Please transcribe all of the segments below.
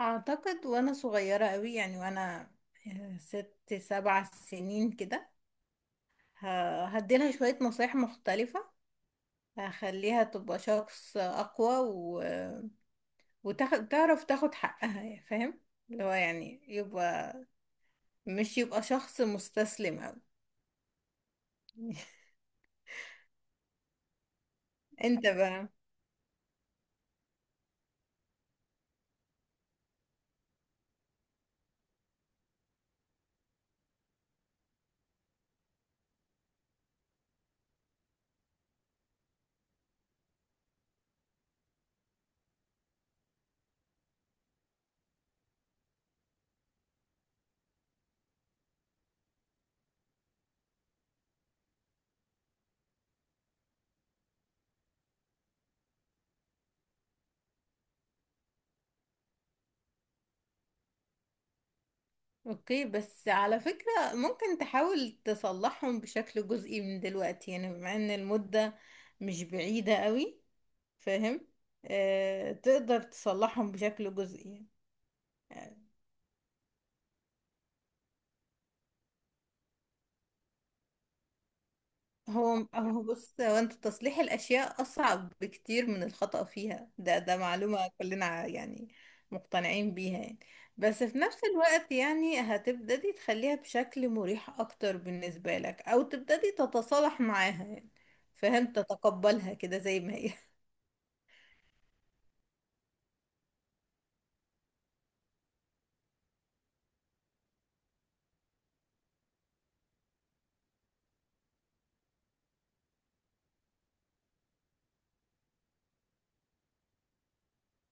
اعتقد وانا صغيرة قوي، يعني وانا 6 7 سنين كده، هديلها شوية نصايح مختلفة. هخليها تبقى شخص اقوى و... وتعرف تاخد حقها، يعني فاهم؟ اللي هو يعني مش يبقى شخص مستسلم قوي. انت بقى. اوكي، بس على فكرة ممكن تحاول تصلحهم بشكل جزئي من دلوقتي، يعني بما ان المدة مش بعيدة قوي، فاهم؟ آه، تقدر تصلحهم بشكل جزئي يعني. هو بص، هو انت تصليح الاشياء اصعب بكتير من الخطأ فيها، ده معلومة كلنا يعني مقتنعين بيها يعني. بس في نفس الوقت يعني هتبتدي تخليها بشكل مريح اكتر بالنسبة لك، او تبتدي تتصالح معاها يعني، فاهم؟ تتقبلها كده زي ما هي.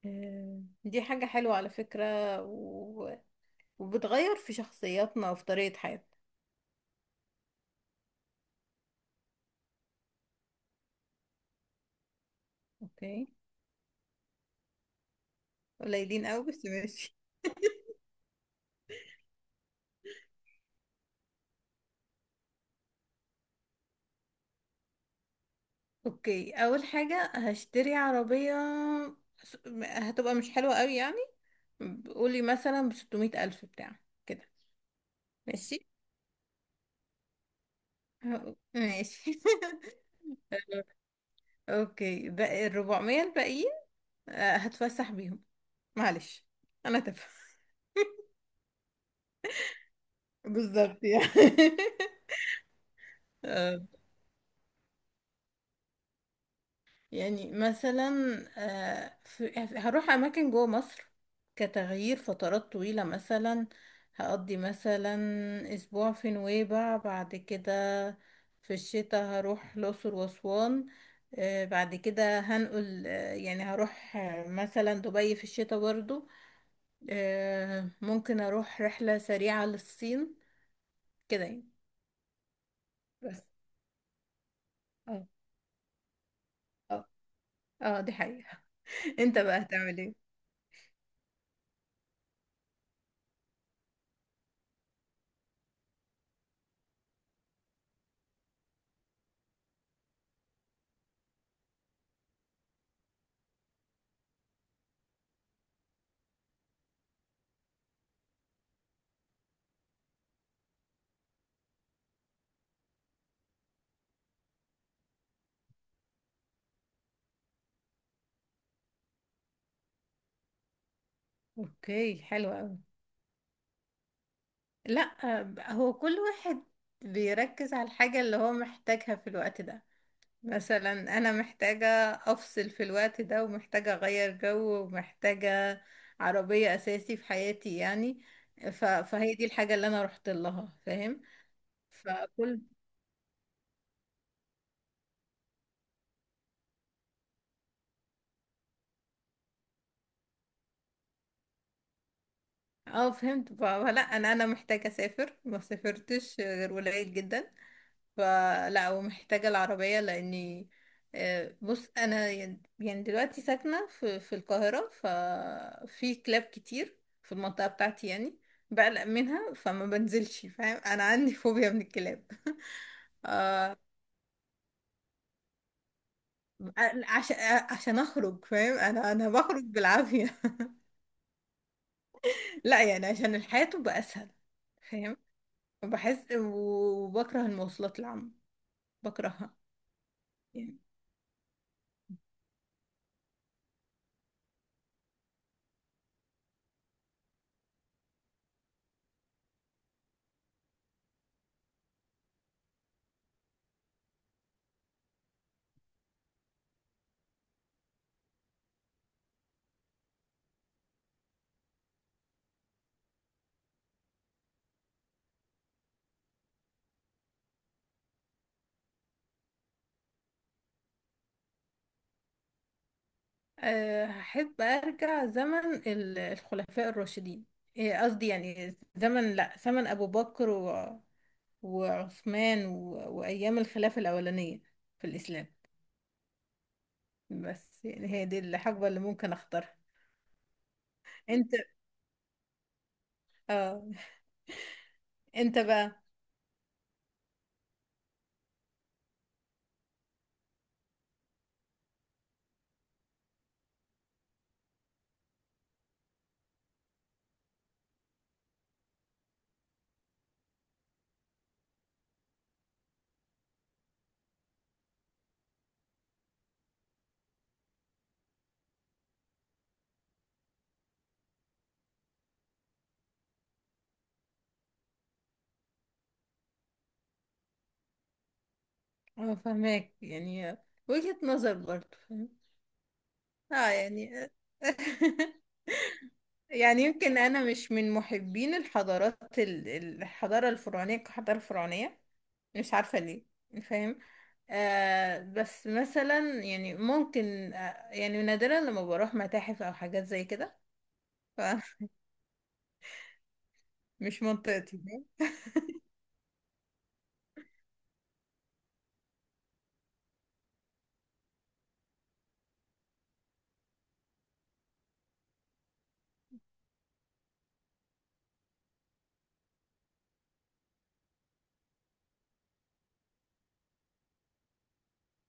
دي حاجة حلوة على فكرة. و... وبتغير في شخصياتنا وفي طريقة حياتنا. اوكي. قليلين قوي بس ماشي. اوكي، اول حاجة هشتري عربية. هتبقى مش حلوة قوي يعني. قولي مثلا ب600 ألف بتاع كده. ماشي. ماشي. اوكي، بقى ال400 الباقيين هتفسح بيهم. معلش، انا تافهة. بالظبط يعني. يعني مثلا هروح اماكن جوه مصر كتغيير فترات طويلة. مثلا هقضي مثلا اسبوع في نويبع. بعد كده في الشتاء هروح الاقصر واسوان. بعد كده هنقل، يعني هروح مثلا دبي في الشتاء برضو. ممكن اروح رحلة سريعة للصين كده يعني. بس. اه اه اه، دي حقيقة. انت بقى هتعمل ايه؟ اوكي حلو قوي. لا، هو كل واحد بيركز على الحاجة اللي هو محتاجها في الوقت ده. مثلا أنا محتاجة أفصل في الوقت ده، ومحتاجة أغير جو، ومحتاجة عربية أساسي في حياتي يعني. ف... فهي دي الحاجة اللي أنا رحت لها، فاهم؟ فكل. اه فهمت، فلا أنا محتاجة أسافر، ما سافرتش غير قليل جدا. فلا، ومحتاجة العربية لأني بص. أنا يعني دلوقتي ساكنة في القاهرة، ففي كلاب كتير في المنطقة بتاعتي يعني بقلق منها، فما بنزلش، فاهم؟ أنا عندي فوبيا من الكلاب. عشان عشان أخرج، فاهم؟ أنا بخرج بالعافية. لا يعني، عشان الحياة تبقى أسهل، فاهم؟ بحس وبكره المواصلات العامة، بكرهها يعني. أه، هحب أرجع زمن الخلفاء الراشدين. إيه، قصدي يعني زمن، لأ، زمن أبو بكر و... وعثمان و... وأيام الخلافة الأولانية في الإسلام. بس يعني هي دي الحقبة اللي ممكن أختارها. أنت. آه. أنت بقى. أنا فاهماك يعني، وجهة نظر برضه، فاهم؟ آه يعني. يعني يمكن أنا مش من محبين الحضارات الحضارة الفرعونية كحضارة فرعونية، مش عارفة ليه، فاهم؟ آه، بس مثلا يعني ممكن، آه يعني نادرا لما بروح متاحف او حاجات زي كده. فمش منطقتي، فاهم؟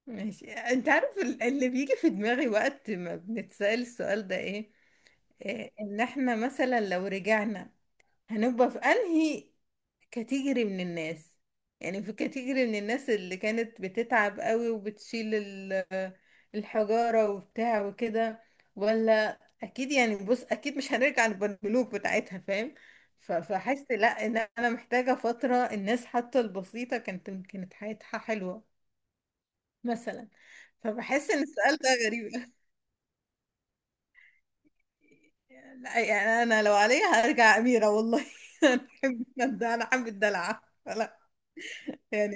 ماشي. انت عارف اللي بيجي في دماغي وقت ما بنتسأل السؤال ده ايه؟ آه، ان احنا مثلا لو رجعنا هنبقى في انهي كاتيجري من الناس؟ يعني في كاتيجري من الناس اللي كانت بتتعب قوي وبتشيل الحجارة وبتاع وكده، ولا اكيد يعني. بص، اكيد مش هنرجع للبنلوك بتاعتها، فاهم؟ ف- فحس لا ان انا محتاجة فترة. الناس حتى البسيطة كانت حياتها حلوة مثلا. فبحس ان السؤال ده غريب. لا يعني، انا لو عليا هرجع اميرة والله. انا احب الدلع، انا احب الدلع يعني.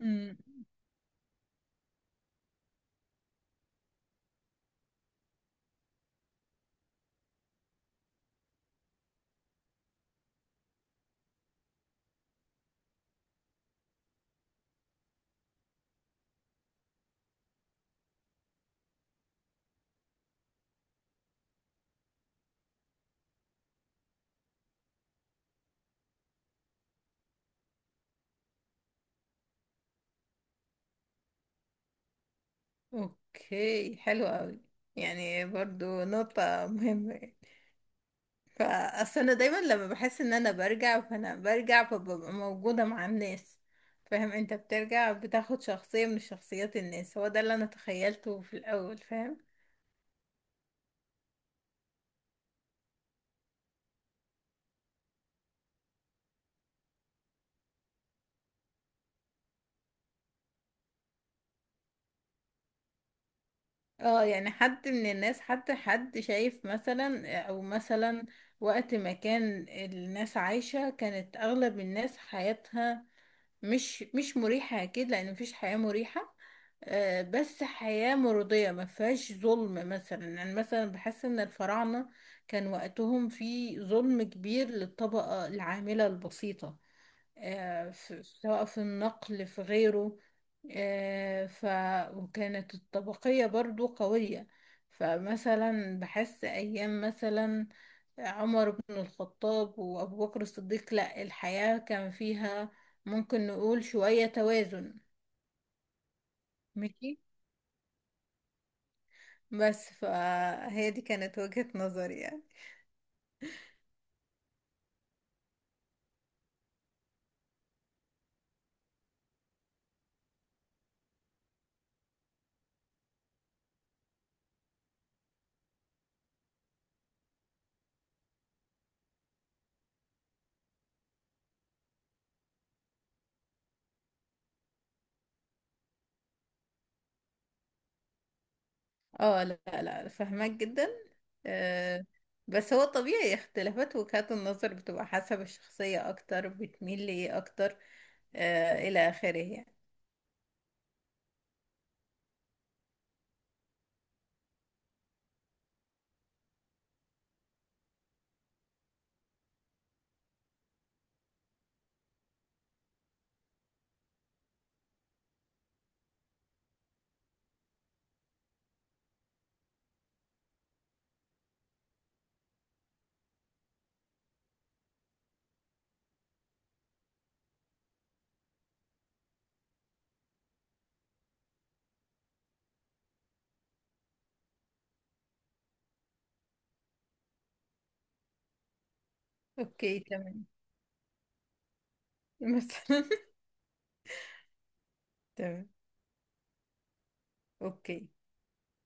امم. اوكي حلو قوي. يعني برضو نقطة مهمة يعني. فأصل أنا دايما لما بحس إن أنا برجع، فأنا برجع فببقى موجودة مع الناس، فاهم؟ أنت بترجع بتاخد شخصية من شخصيات الناس، هو ده اللي أنا تخيلته في الأول، فاهم؟ اه يعني حد من الناس، حتى حد شايف مثلا. أو مثلا وقت ما كان الناس عايشة، كانت أغلب الناس حياتها مش مريحة أكيد، لأن مفيش حياة مريحة، بس حياة مرضية ما فيهاش ظلم مثلا. يعني مثلا بحس إن الفراعنة كان وقتهم في ظلم كبير للطبقة العاملة البسيطة، سواء في النقل في غيره، ف وكانت الطبقية برضو قوية. فمثلا بحس أيام مثلا عمر بن الخطاب وأبو بكر الصديق، لا، الحياة كان فيها ممكن نقول شوية توازن. ماشي، بس فهي دي كانت وجهة نظري يعني. اه لا لا، فاهمك جدا. آه، بس هو طبيعي اختلافات وجهات النظر بتبقى حسب الشخصية اكتر بتميل لإيه اكتر، آه، الى اخره يعني. اوكي تمام. مثلا. تمام. اوكي.